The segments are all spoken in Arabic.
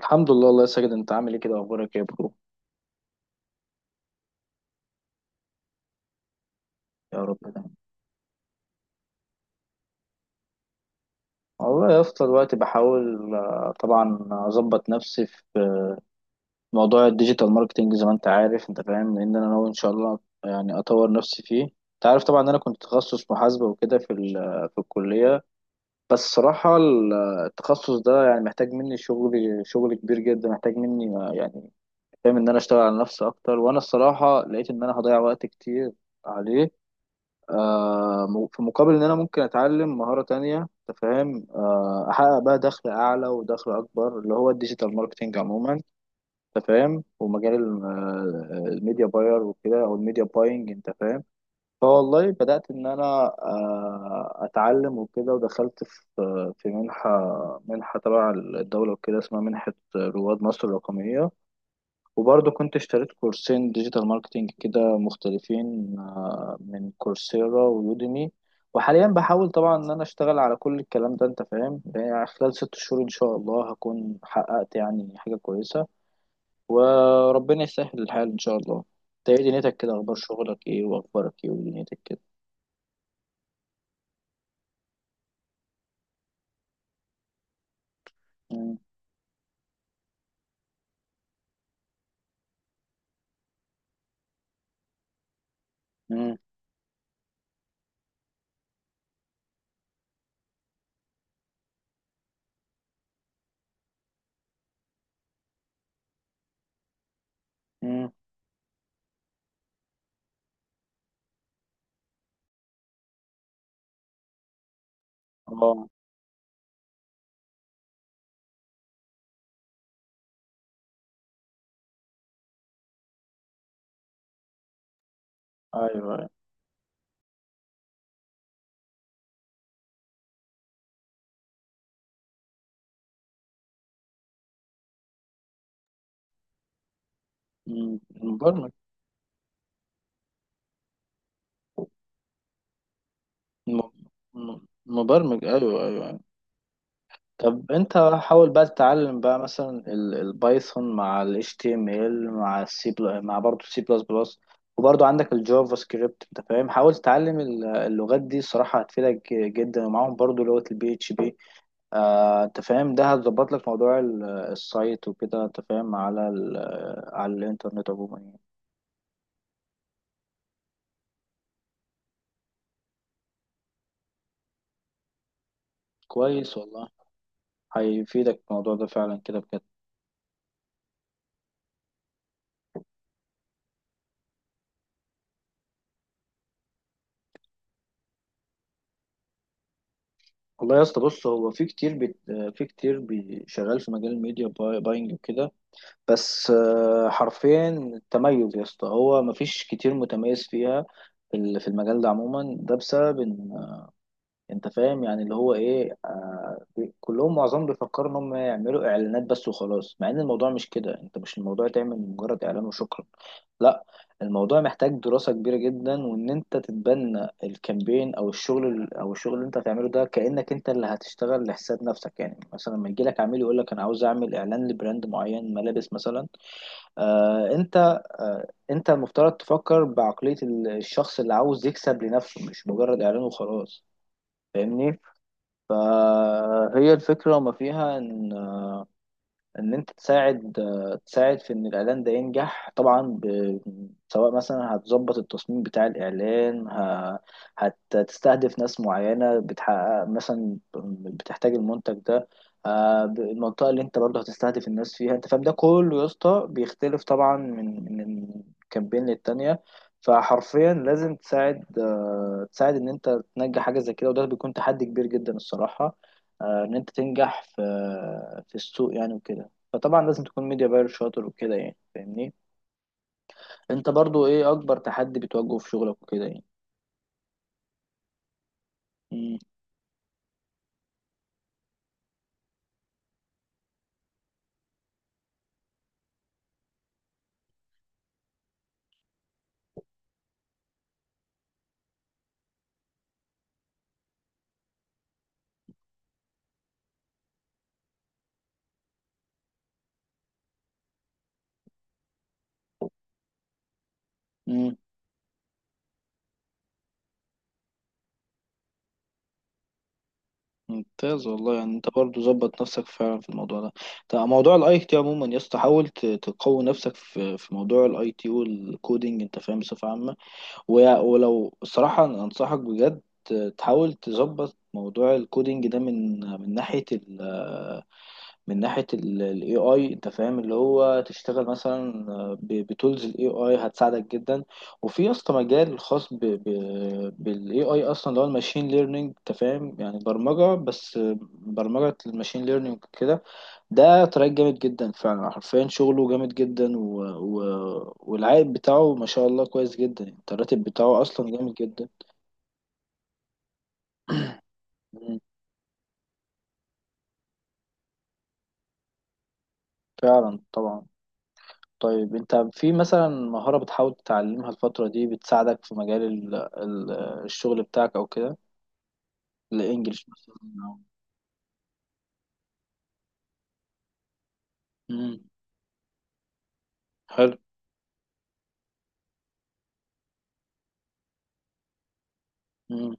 الحمد لله الله يا ساجد، انت عامل ايه كده، اخبارك ايه يا برو؟ يا رب دايما. والله يا اسطى، دلوقتي بحاول طبعا اظبط نفسي في موضوع الديجيتال ماركتنج زي ما انت عارف، انت فاهم، لان انا ناوي ان شاء الله يعني اطور نفسي فيه. انت عارف طبعا ان انا كنت تخصص محاسبة وكده في في الكلية. بس صراحة التخصص ده يعني محتاج مني شغل، كبير جدا، محتاج مني يعني فاهم ان انا اشتغل على نفسي اكتر، وانا الصراحة لقيت ان انا هضيع وقت كتير عليه. في مقابل ان انا ممكن اتعلم مهارة تانية، تفهم، احقق بقى دخل اعلى ودخل اكبر اللي هو الديجيتال ماركتينج عموما، تفهم، ومجال الميديا باير وكده او الميديا باينج، انت فاهم. فوالله بدأت ان انا اتعلم وكده، ودخلت في منحة، تبع الدولة وكده، اسمها منحة رواد مصر الرقمية. وبرضه كنت اشتريت كورسين ديجيتال ماركتينج كده مختلفين، من كورسيرا ويوديمي. وحاليا بحاول طبعا ان انا اشتغل على كل الكلام ده، انت فاهم، يعني خلال 6 شهور ان شاء الله هكون حققت يعني حاجة كويسة، وربنا يسهل الحال ان شاء الله. انت ايه دنيتك كده؟ اخبار شغلك ايه واخبارك ايه ودنيتك كده؟ مم، مم، مم. اه. ايوه ايوه. مم، مبرمج. م- م- مبرمج، ايوه ايوه. طب انت حاول بقى تتعلم بقى مثلا البايثون مع ال HTML مع مع برضه سي بلس بلس، وبرضه عندك الجافا سكريبت. انت فاهم، حاول تتعلم اللغات دي، صراحة هتفيدك جدا، ومعاهم برضه لغة البي اتش بي. آه، انت فاهم، ده هتظبط لك موضوع السايت وكده، انت فاهم، على على الانترنت عموما يعني. كويس والله، هيفيدك الموضوع ده فعلا كده بجد. والله يا اسطى، بص، هو في كتير شغال في مجال باينج وكده. بس حرفيا التميز يا اسطى، هو مفيش كتير متميز فيها، في في المجال ده عموما. ده بسبب ان انت فاهم، يعني اللي هو ايه، كلهم معظمهم بيفكروا ان هم يعملوا اعلانات بس وخلاص، مع ان الموضوع مش كده. انت مش الموضوع تعمل مجرد اعلان وشكرا، لا. الموضوع محتاج دراسة كبيرة جدا، وان انت تتبنى الكامبين او الشغل اللي انت هتعمله ده كأنك انت اللي هتشتغل لحساب نفسك. يعني مثلا لما يجي لك عميل يقول لك انا عاوز اعمل اعلان لبراند معين، ملابس مثلا، آه انت انت المفترض تفكر بعقلية الشخص اللي عاوز يكسب لنفسه، مش مجرد اعلان وخلاص. فاهمني؟ فهي الفكرة وما فيها ان انت تساعد، في ان الاعلان ده ينجح طبعا، سواء مثلا هتظبط التصميم بتاع الاعلان، هتستهدف ناس معينه بتحقق مثلا، بتحتاج المنتج ده، المنطقه اللي انت برضه هتستهدف الناس فيها، انت فاهم. ده كله يا اسطى بيختلف طبعا من كامبين للتانيه. فحرفيا لازم تساعد ان انت تنجح حاجه زي كده، وده بيكون تحدي كبير جدا الصراحه، ان انت تنجح في السوق يعني وكده. فطبعا لازم تكون ميديا باير شاطر وكده يعني، فاهمني. انت برضو ايه اكبر تحدي بتواجهه في شغلك وكده يعني؟ مم. مم. ممتاز والله يعني، انت برضو ظبط نفسك فعلا في الموضوع ده. طب موضوع الاي تي عموما يا اسطى، حاول تقوي نفسك في موضوع الاي تي والكودينج، انت فاهم، بصفه عامه. ولو الصراحه أنا انصحك بجد تحاول تظبط موضوع الكودينج ده من ناحيه، من ناحية ال AI. انت فاهم اللي هو تشتغل مثلا بتولز ال AI هتساعدك جدا. وفي يا اسطى مجال خاص بال AI اصلا، اللي هو الماشين ليرنينج. انت فاهم، يعني برمجة بس، برمجة الماشين ليرنينج كده. ده تراك جامد جدا فعلا، حرفيا شغله جامد جدا، والعائد بتاعه ما شاء الله كويس جدا، يعني الراتب بتاعه اصلا جامد جدا. مم. فعلا طبعا. طيب انت في مثلا مهارة بتحاول تتعلمها الفترة دي بتساعدك في مجال ال ال الشغل بتاعك او كده؟ الانجليش مثلا؟ او... مم. حلو. مم.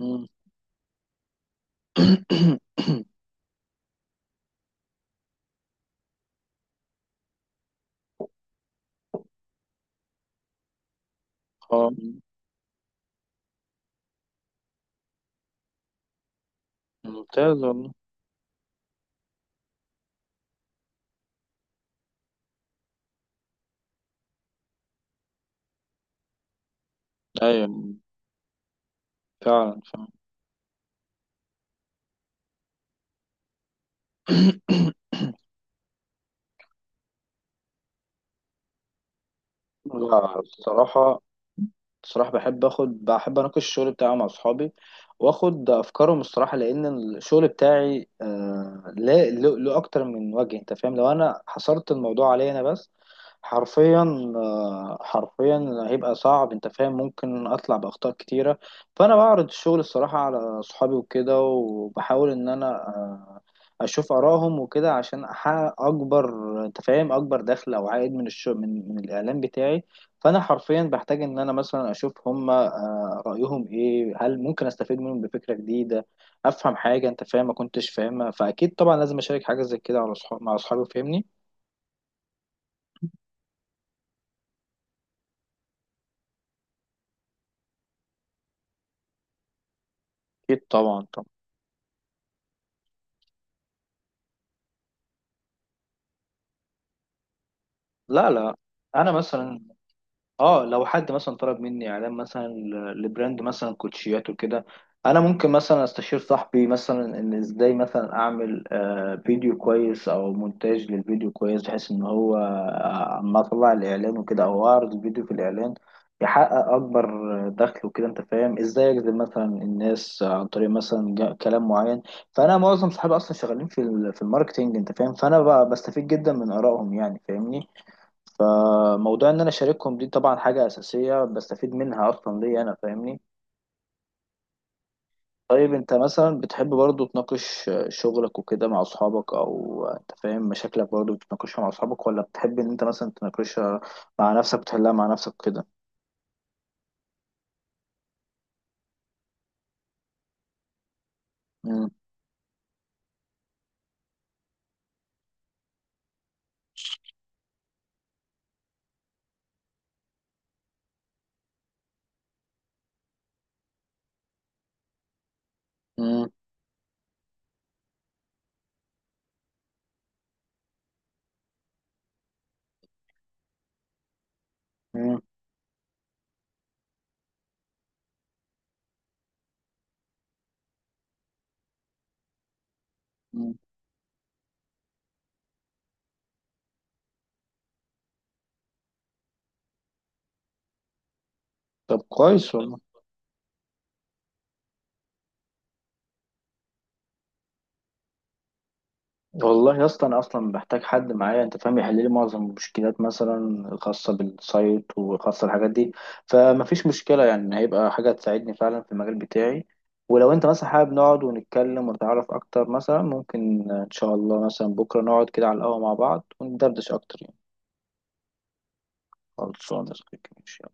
مم. اه. ممتاز والله. ايوه، فعلا فعلا. لا الصراحة، الصراحة بحب اناقش الشغل بتاعي مع اصحابي، واخد افكارهم الصراحة، لان الشغل بتاعي آه لا له اكتر من وجه، انت فاهم. لو انا حصرت الموضوع عليا انا بس، حرفيا هيبقى صعب، انت فاهم، ممكن اطلع باخطاء كتيره. فانا بعرض الشغل الصراحه على صحابي وكده، وبحاول ان انا اشوف ارائهم وكده عشان احقق اكبر، انت فاهم، اكبر دخل او عائد من الشغل، من الاعلان بتاعي. فانا حرفيا بحتاج ان انا مثلا اشوف هم رايهم ايه، هل ممكن استفيد منهم بفكره جديده، افهم حاجه انت فاهم ما كنتش فاهمها. فاكيد طبعا لازم اشارك حاجه زي كده على مع اصحابي، فاهمني. اكيد طبعا طبعا. لا لا، انا مثلا... اه، لو حد مثلا طلب مني اعلان مثلا لبراند مثلا كوتشيات وكده، انا ممكن مثلا استشير صاحبي مثلا ان ازاي مثلا اعمل فيديو كويس او مونتاج للفيديو كويس، بحيث ان هو اما اطلع الاعلان وكده او اعرض الفيديو في الاعلان، يحقق اكبر دخل وكده. انت فاهم ازاي اجذب مثلا الناس عن طريق مثلا كلام معين. فانا معظم صحابي اصلا شغالين في في الماركتينج، انت فاهم، فانا بستفيد جدا من ارائهم يعني، فاهمني. موضوع ان انا اشاركهم دي طبعا حاجه اساسيه بستفيد منها اصلا ليا انا، فاهمني. طيب انت مثلا بتحب برضو تناقش شغلك وكده مع اصحابك، او انت فاهم مشاكلك برضو بتناقشها مع اصحابك، ولا بتحب ان انت مثلا تناقشها مع نفسك وتحلها مع نفسك كده؟ مم. مم. مم. مم. طب كويس والله. والله يا اسطى، انا اصلا بحتاج حد معايا، انت فاهم، يحل لي معظم المشكلات مثلا الخاصه بالسايت وخاصه الحاجات دي، فمفيش مشكله يعني، هيبقى حاجه تساعدني فعلا في المجال بتاعي. ولو انت مثلا حابب نقعد ونتكلم ونتعرف اكتر مثلا، ممكن ان شاء الله مثلا بكره نقعد كده على القهوه مع بعض وندردش اكتر يعني. خلصانه يا صديقي، ماشي.